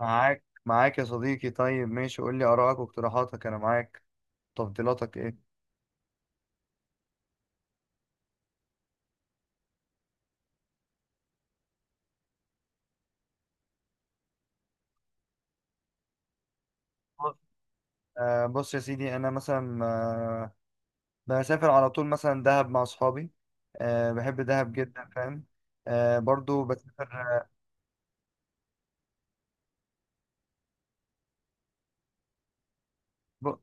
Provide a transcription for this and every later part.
معاك يا صديقي. طيب ماشي، قول لي آرائك واقتراحاتك، أنا معاك. تفضيلاتك إيه؟ بص، بص يا سيدي. أنا مثلا بسافر على طول مثلا دهب مع أصحابي. آه، بحب دهب جدا، فاهم. آه، برضو بسافر ب...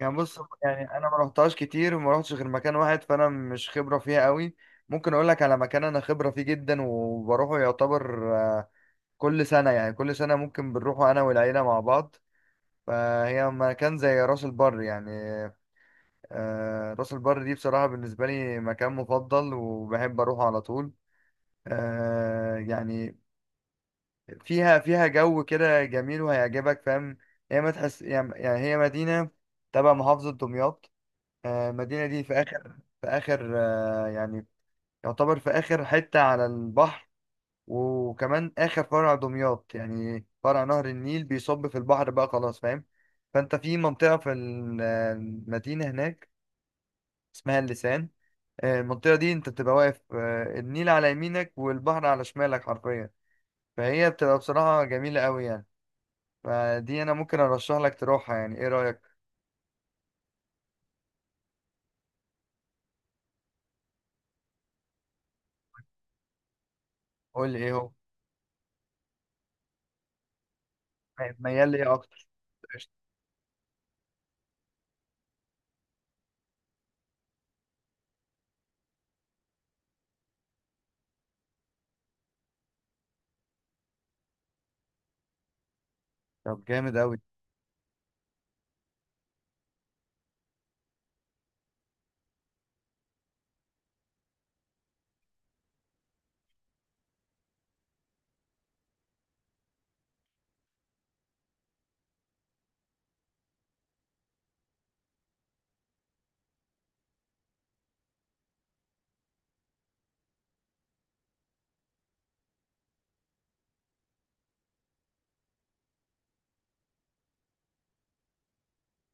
يعني بص، يعني أنا ما رحتهاش كتير وما رحتش غير مكان واحد، فأنا مش خبرة فيها قوي. ممكن أقول لك على مكان أنا خبرة فيه جدا وبروحه، يعتبر كل سنة، يعني كل سنة ممكن بنروحه أنا والعيلة مع بعض. فهي مكان زي راس البر يعني. آه، راس البر دي بصراحة بالنسبة لي مكان مفضل، وبحب أروحه على طول. آه، يعني فيها جو كده جميل وهيعجبك، فاهم. هي ما تحس، يعني هي مدينة تبع محافظة دمياط. آه، المدينة دي في آخر يعني يعتبر في آخر حتة على البحر، وكمان آخر فرع دمياط، يعني فرع نهر النيل بيصب في البحر بقى، خلاص فاهم. فأنت في منطقة في المدينة هناك اسمها اللسان. آه، المنطقة دي انت بتبقى واقف، آه، النيل على يمينك والبحر على شمالك حرفيا. فهي بتبقى بصراحة جميلة قوي يعني. فدي انا ممكن ارشح لك تروحها، يعني ايه رأيك؟ قول لي ايه هو. طيب، ميال ليه اكتر؟ قشطة. طب جامد قوي.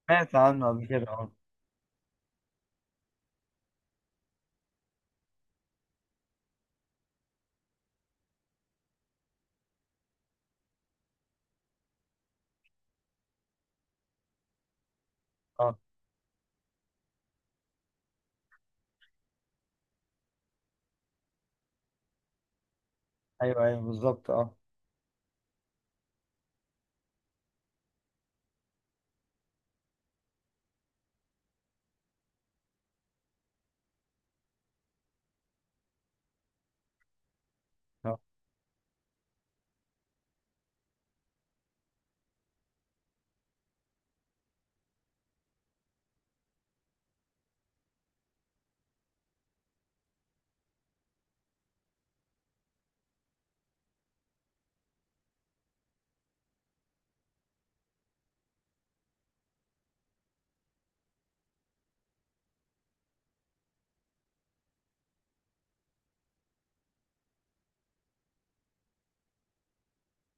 سمعت عنه قبل كده، اه. اه. ايوه ايوه بالظبط، اه. اه.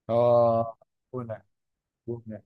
اه. جونة. جونة.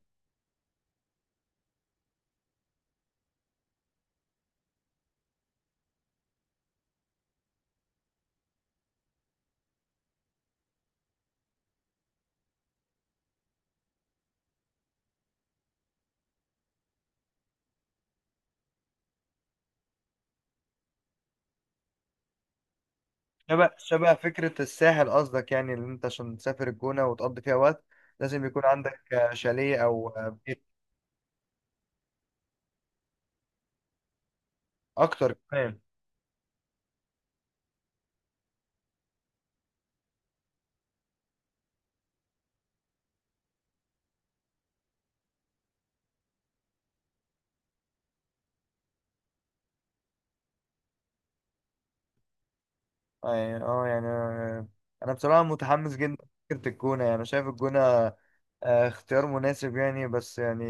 شبه شبه فكرة الساحل قصدك، يعني اللي انت عشان تسافر الجونة وتقضي فيها وقت لازم يكون عندك آه، شاليه او آه، بيت. اكتر كمان. اه، يعني آه، يعني أنا بصراحة متحمس جدا فكرة الجونة. يعني أنا شايف الجونة آه، اختيار مناسب يعني. بس يعني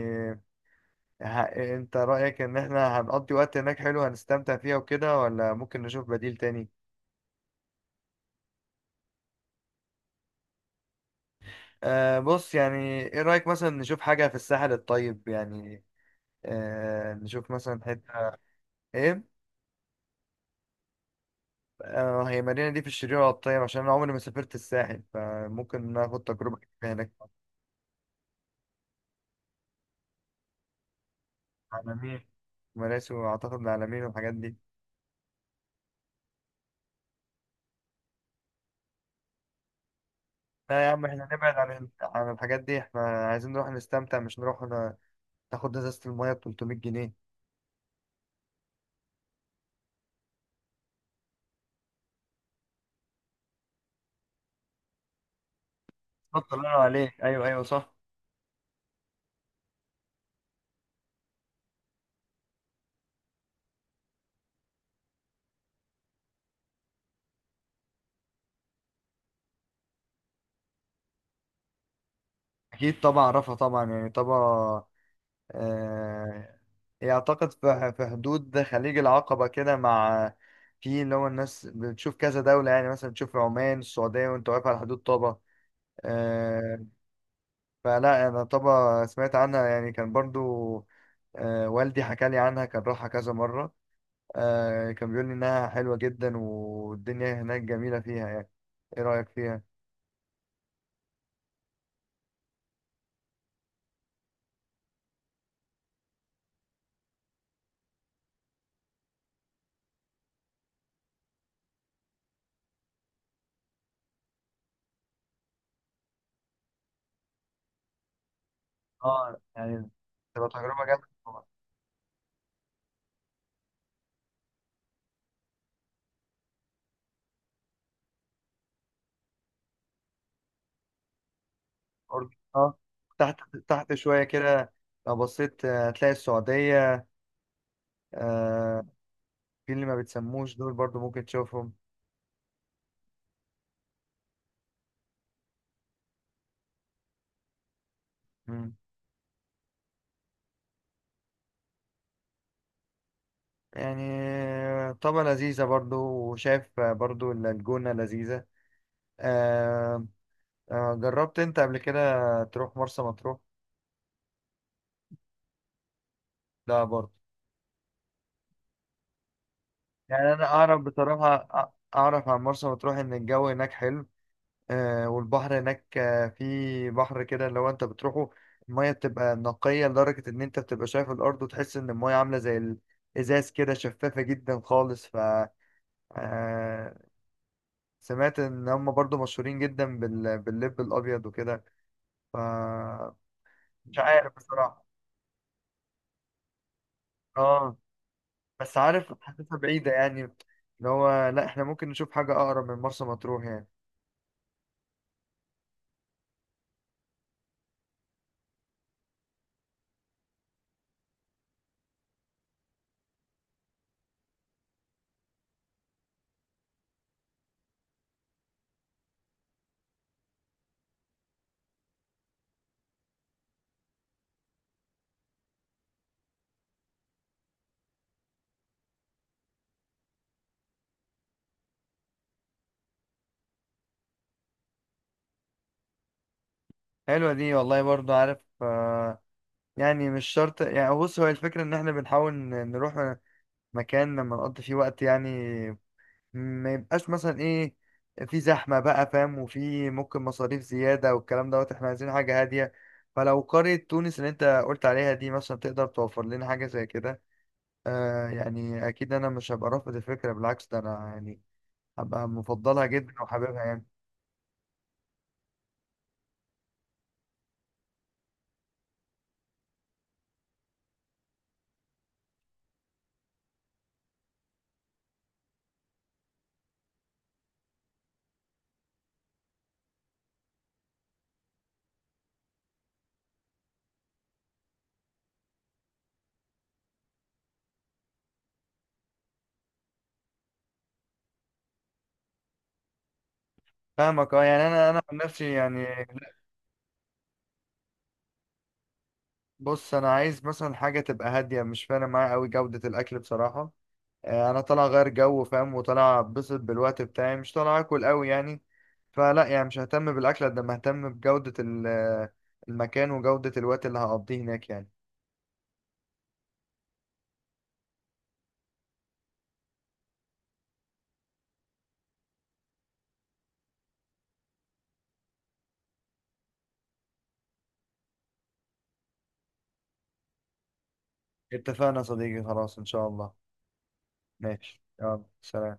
ه- انت رأيك ان احنا هنقضي وقت هناك حلو، هنستمتع فيها وكده، ولا ممكن نشوف بديل تاني؟ أه بص يعني، ايه رأيك مثلا نشوف حاجة في الساحل الطيب يعني؟ أه نشوف مثلا حتة ايه. أه، هي المدينة دي في الشرير ولا الطيب؟ عشان انا عمري ما سافرت الساحل، فممكن ناخد تجربة جديدة هناك. عالمين. مراسي، واعتقد العلمين والحاجات دي. لا يا عم، احنا نبعد عن الحاجات دي. احنا عايزين نروح نستمتع مش نروح ناخد ازازة المية ب 300 جنيه. اتفضل، الله ينور عليك. ايوه ايوه صح. اكيد طبعا اعرفها طبعا، يعني طبعا. آه، هي اعتقد في في حدود خليج العقبة كده، مع في اللي هو الناس بتشوف كذا دولة، يعني مثلا تشوف عمان السعودية وانت واقف على حدود طابة. آه. فلا انا طبعا سمعت عنها، يعني كان برضو آه والدي حكى لي عنها، كان راحها كذا مرة. آه، كان بيقول لي إنها حلوة جدا والدنيا هناك جميلة فيها يعني. إيه رأيك فيها؟ اه يعني تبقى تجربة جامدة طبعاً. أرجو اه، تحت شوية كده لو بصيت آه، هتلاقي السعودية. آه، في اللي ما بتسموش دول برضو ممكن تشوفهم. مم. يعني آه، طبعا لذيذة برضو. وشايف آه، برضو إن الجونة لذيذة. آه، آه، جربت انت قبل كده تروح مرسى مطروح؟ لا برضو. يعني انا اعرف بصراحه اعرف عن مرسى مطروح ان الجو هناك حلو. آه، والبحر هناك آه في بحر كده، لو انت بتروحه الميه بتبقى نقيه لدرجه ان انت بتبقى شايف الارض، وتحس ان الميه عامله زي الازاز كده، شفافه جدا خالص. ف آه، سمعت ان هم برضو مشهورين جدا باللب الابيض وكده. ف مش عارف بصراحه. اه، بس عارف حاسسها بعيده يعني. اللي هو لا، احنا ممكن نشوف حاجه اقرب من مرسى مطروح يعني. حلوة دي والله. برضو عارف آه، يعني مش شرط، يعني بص هو الفكرة ان احنا بنحاول نروح مكان لما نقضي فيه وقت يعني، ما يبقاش مثلا ايه في زحمة بقى فاهم، وفي ممكن مصاريف زيادة والكلام دوت. احنا عايزين حاجة هادية. فلو قرية تونس اللي انت قلت عليها دي مثلا تقدر توفر لنا حاجة زي كده، آه يعني اكيد انا مش هبقى رافض الفكرة، بالعكس ده انا يعني هبقى مفضلها جدا وحاببها يعني. فاهمك اه، يعني انا عن نفسي يعني بص انا عايز مثلا حاجه تبقى هاديه. مش فارق معايا قوي جوده الاكل بصراحه. آه، انا طالع غير جو فاهم، وطالع اتبسط بالوقت بتاعي، مش طالع اكل قوي يعني. فلا يعني مش ههتم بالاكل قد ما ههتم بجوده آه، المكان وجوده الوقت اللي هقضيه هناك يعني. اتفقنا يا صديقي، خلاص ان شاء الله. ماشي، يلا سلام.